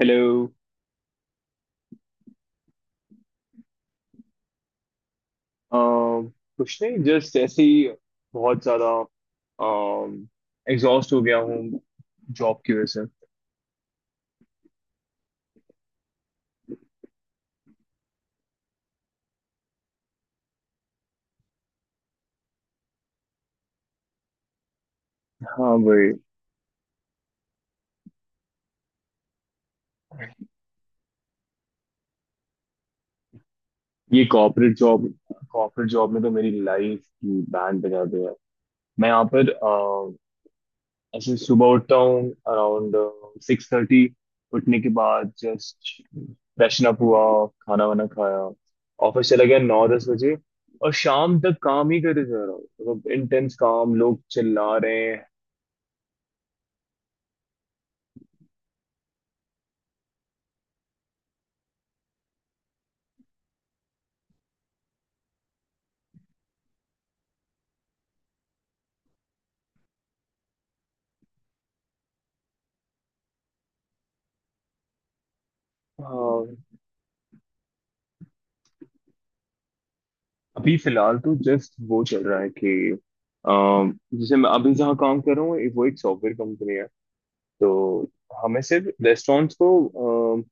Hello. Um, कुछ नहीं, just ऐसे ही। बहुत ज्यादा एग्जॉस्ट हो गया हूँ जॉब की वजह से। हाँ भाई। ये कॉर्पोरेट जॉब में तो मेरी लाइफ की बैंड बजा दी है। मैं यहाँ पर ऐसे सुबह उठता हूँ अराउंड 6:30। उठने के बाद जस्ट फ्रेशन अप हुआ, खाना वाना खाया, ऑफिस चला गया 9-10 बजे। और शाम तक काम ही करते जा रहा हूँ, मतलब इंटेंस काम, लोग चिल्ला रहे हैं। हाँ, अभी फिलहाल तो जस्ट वो चल रहा है कि अम, जैसे मैं अभी जहाँ काम कर रहा हूँ वो एक सॉफ्टवेयर कंपनी है तो हमें सिर्फ रेस्टोरेंट्स को, अम,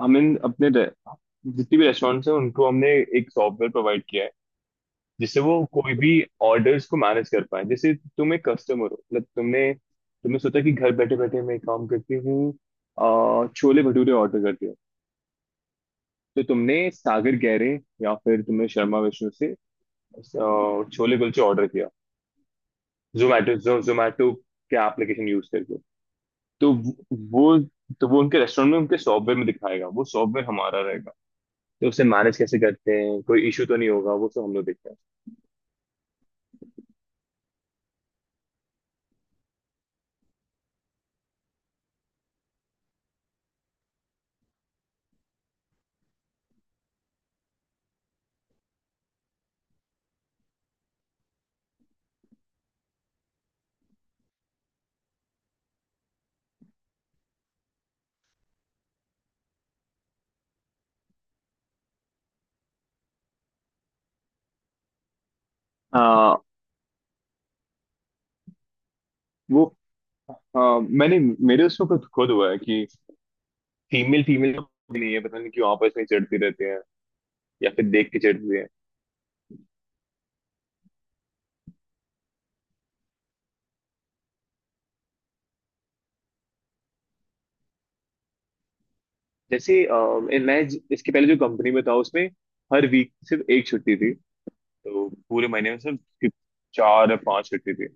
हमें अपने रे- जितनी भी रेस्टोरेंट्स हैं उनको हमने एक सॉफ्टवेयर प्रोवाइड किया है, जिससे वो कोई भी ऑर्डर्स को मैनेज कर पाए। जैसे तुम एक कस्टमर हो, मतलब तुमने तुमने सोचा कि घर बैठे बैठे मैं एक काम करती हूँ, छोले भटूरे ऑर्डर करती हूँ। तो तुमने सागर गहरे, या फिर तुमने शर्मा विष्णु से छोले कुलचे ऑर्डर किया, जोमेटो के एप्लीकेशन यूज करके। तो वो तो वो उनके रेस्टोरेंट में, उनके सॉफ्टवेयर में दिखाएगा। वो सॉफ्टवेयर हमारा रहेगा, तो उसे मैनेज कैसे करते हैं, कोई इशू तो नहीं होगा, वो सब हम लोग देखते हैं। आ, वो हाँ, मैंने, मेरे उसमें खुद खुद हुआ है कि फीमेल फीमेल नहीं है, पता नहीं क्यों आपस में चिढ़ती रहती है, या फिर देख के चिढ़ती है। जैसे इसके पहले जो कंपनी में था उसमें हर वीक सिर्फ एक छुट्टी थी, तो पूरे महीने में सिर्फ चार या पांच छुट्टी थी।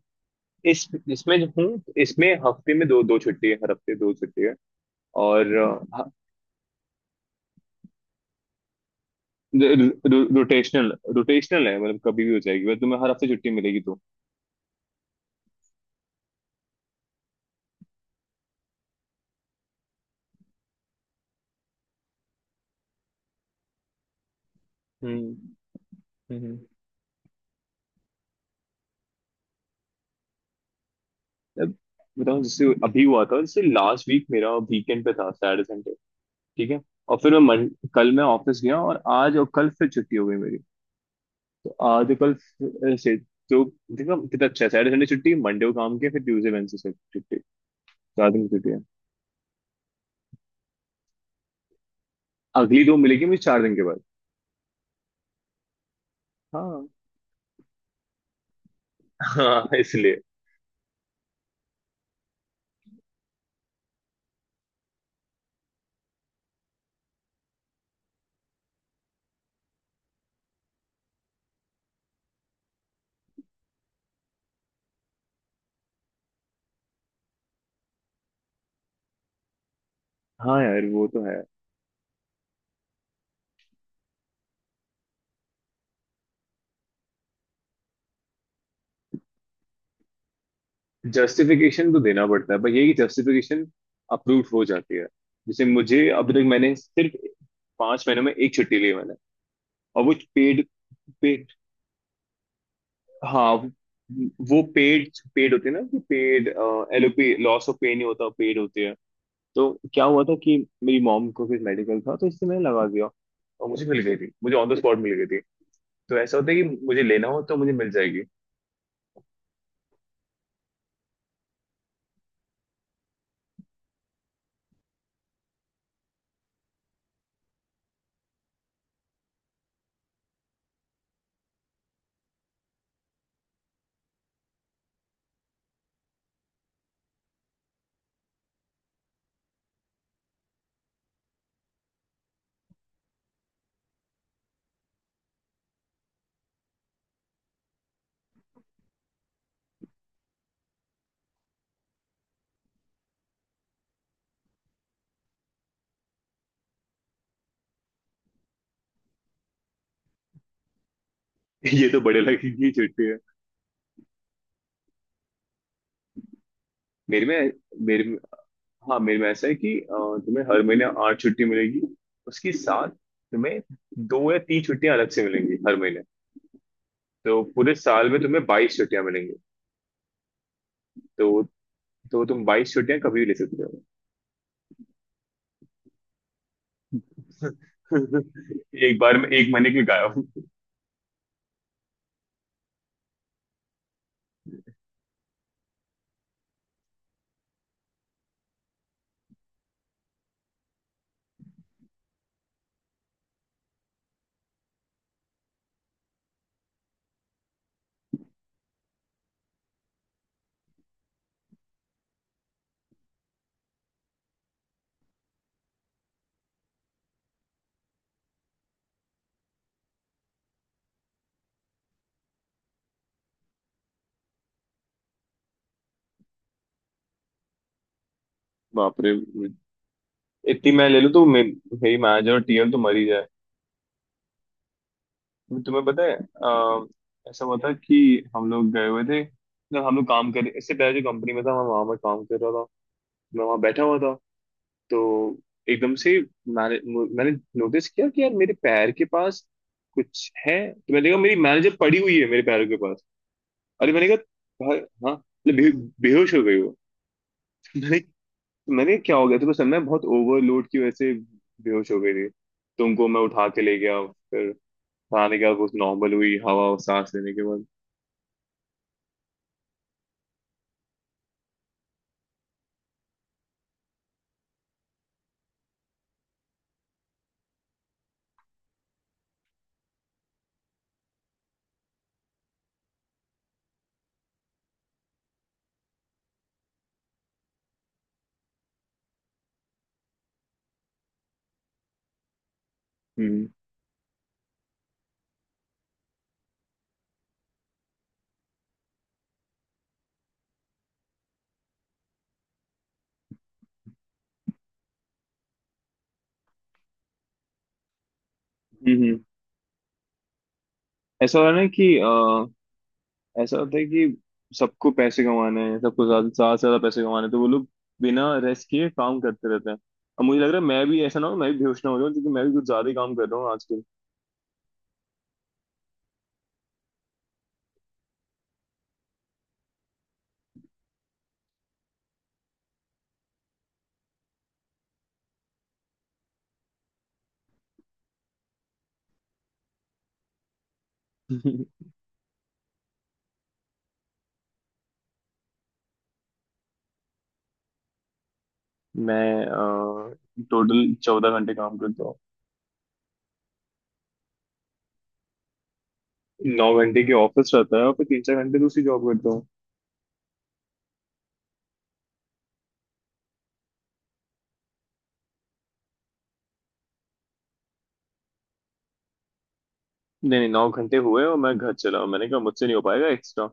इस इसमें जो हूँ इसमें हफ्ते में दो दो छुट्टी है, हर हफ्ते दो छुट्टी है। और रोटेशनल रोटेशनल है, मतलब कभी भी हो जाएगी, मतलब तुम्हें हर हफ्ते छुट्टी मिलेगी तो। हम्म। हम्म। अब बताओ, जैसे अभी हुआ था, जैसे लास्ट वीक मेरा वीकेंड पे था, सैटरडे संडे। ठीक है। और फिर कल मैं ऑफिस गया और आज और कल फिर छुट्टी हो गई मेरी। तो आज और कल फिर से। तो देखो कितना अच्छा है, सैटरडे संडे छुट्टी, मंडे को काम किया, फिर ट्यूसडे वेडनेसडे से छुट्टी। चार दिन की छुट्टी है, अगली दो मिलेगी मुझे चार दिन के बाद। हाँ, हाँ, इसलिए। हाँ यार, वो तो है। जस्टिफिकेशन तो देना पड़ता है, पर ये कि जस्टिफिकेशन अप्रूव हो जाती है। जैसे मुझे, अब तक मैंने सिर्फ 5 महीनों में एक छुट्टी ली है मैंने। और वो पेड। पेड। हाँ, वो पेड। पेड होती है, ना कि paid LOP, loss of pay नहीं होता, पेड होती है। तो क्या हुआ था कि मेरी मॉम को कुछ मेडिकल था, तो इससे मैंने लगा दिया। और मुझे मिल गई थी, मुझे ऑन द स्पॉट मिल गई थी। तो ऐसा होता है कि मुझे लेना हो तो मुझे मिल जाएगी। ये तो बड़े लगे की छुट्टी है। मेरे में मेरे हाँ, मेरे में ऐसा है कि तुम्हें हर महीने 8 छुट्टी मिलेगी, उसके साथ तुम्हें दो या तीन छुट्टियां अलग से मिलेंगी हर महीने। तो पूरे साल में तुम्हें 22 छुट्टियां मिलेंगी। तो तो तुम 22 छुट्टियां कभी भी ले सकते हो। एक बार में एक महीने के लिए गायब। बाप रे, इतनी मैं ले लूँ तो मेरी मैनेजर और TM तो मर ही जाए। तुम्हें पता है, ऐसा हुआ था कि हम लोग गए हुए थे, मतलब हम लोग काम कर, इससे पहले जो कंपनी में था, मैं वहां पर काम कर रहा था। मैं वहां बैठा हुआ था, तो एकदम से मैंने नोटिस किया कि यार मेरे पैर के पास कुछ है, तो मैंने कहा मेरी मैनेजर पड़ी हुई है मेरे पैरों के पास। अरे, मैंने कहा भाई, हाँ, मतलब बेहोश हो गई वो। मैंने मैंने कहा, क्या हो गया, तो बस मैं बहुत ओवरलोड की वजह से बेहोश हो गई थी। तो उनको मैं उठा के ले गया, फिर खाने के बाद वो नॉर्मल हुई, हवा और सांस लेने के बाद। हम्म। हम्म। हम्म। ऐसा हो रहा है ना कि, ऐसा होता है कि सबको पैसे कमाने हैं, सबको ज्यादा, ज्यादा से ज्यादा पैसे कमाने हैं, तो वो लोग बिना रेस्ट किए काम करते रहते हैं। अब मुझे लग रहा है मैं भी ऐसा ना हो, मैं भी बेहोश ना हो जाऊं, क्योंकि मैं भी कुछ ज्यादा ही काम कर रहा हूँ आजकल। मैं टोटल 14 घंटे काम करता हूँ। 9 घंटे की ऑफिस रहता है, और फिर तीन चार घंटे दूसरी जॉब करता हूँ। नहीं नहीं, 9 घंटे हुए और मैं घर चला हूं, मैंने कहा मुझसे नहीं हो पाएगा एक्स्ट्रा।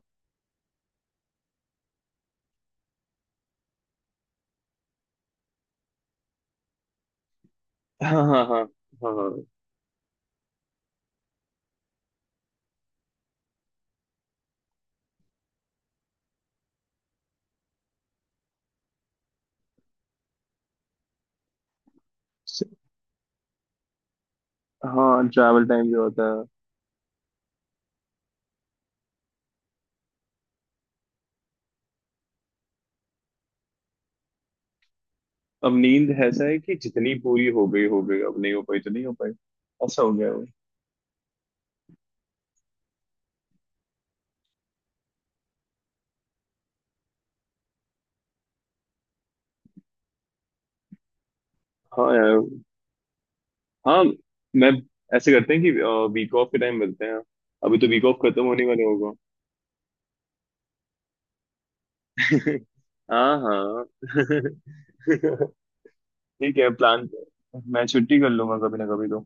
हाँ हाँ हाँ। हाँ हाँ हाँ, ट्रैवल टाइम जो होता है। अब नींद ऐसा है कि जितनी पूरी हो गई हो गई, अब नहीं हो पाई तो नहीं हो पाई। ऐसा हो गया वो। हाँ यार। हाँ, मैं ऐसे करते हैं कि वीक ऑफ के टाइम मिलते हैं। अभी तो वीक ऑफ खत्म होने वाला होगा। हाँ, हाँ। ठीक है, प्लान। मैं छुट्टी कर लूंगा कभी ना कभी तो।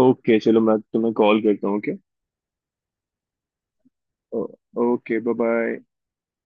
ओके चलो, मैं तुम्हें कॉल करता हूँ। ओके। Okay, bye bye.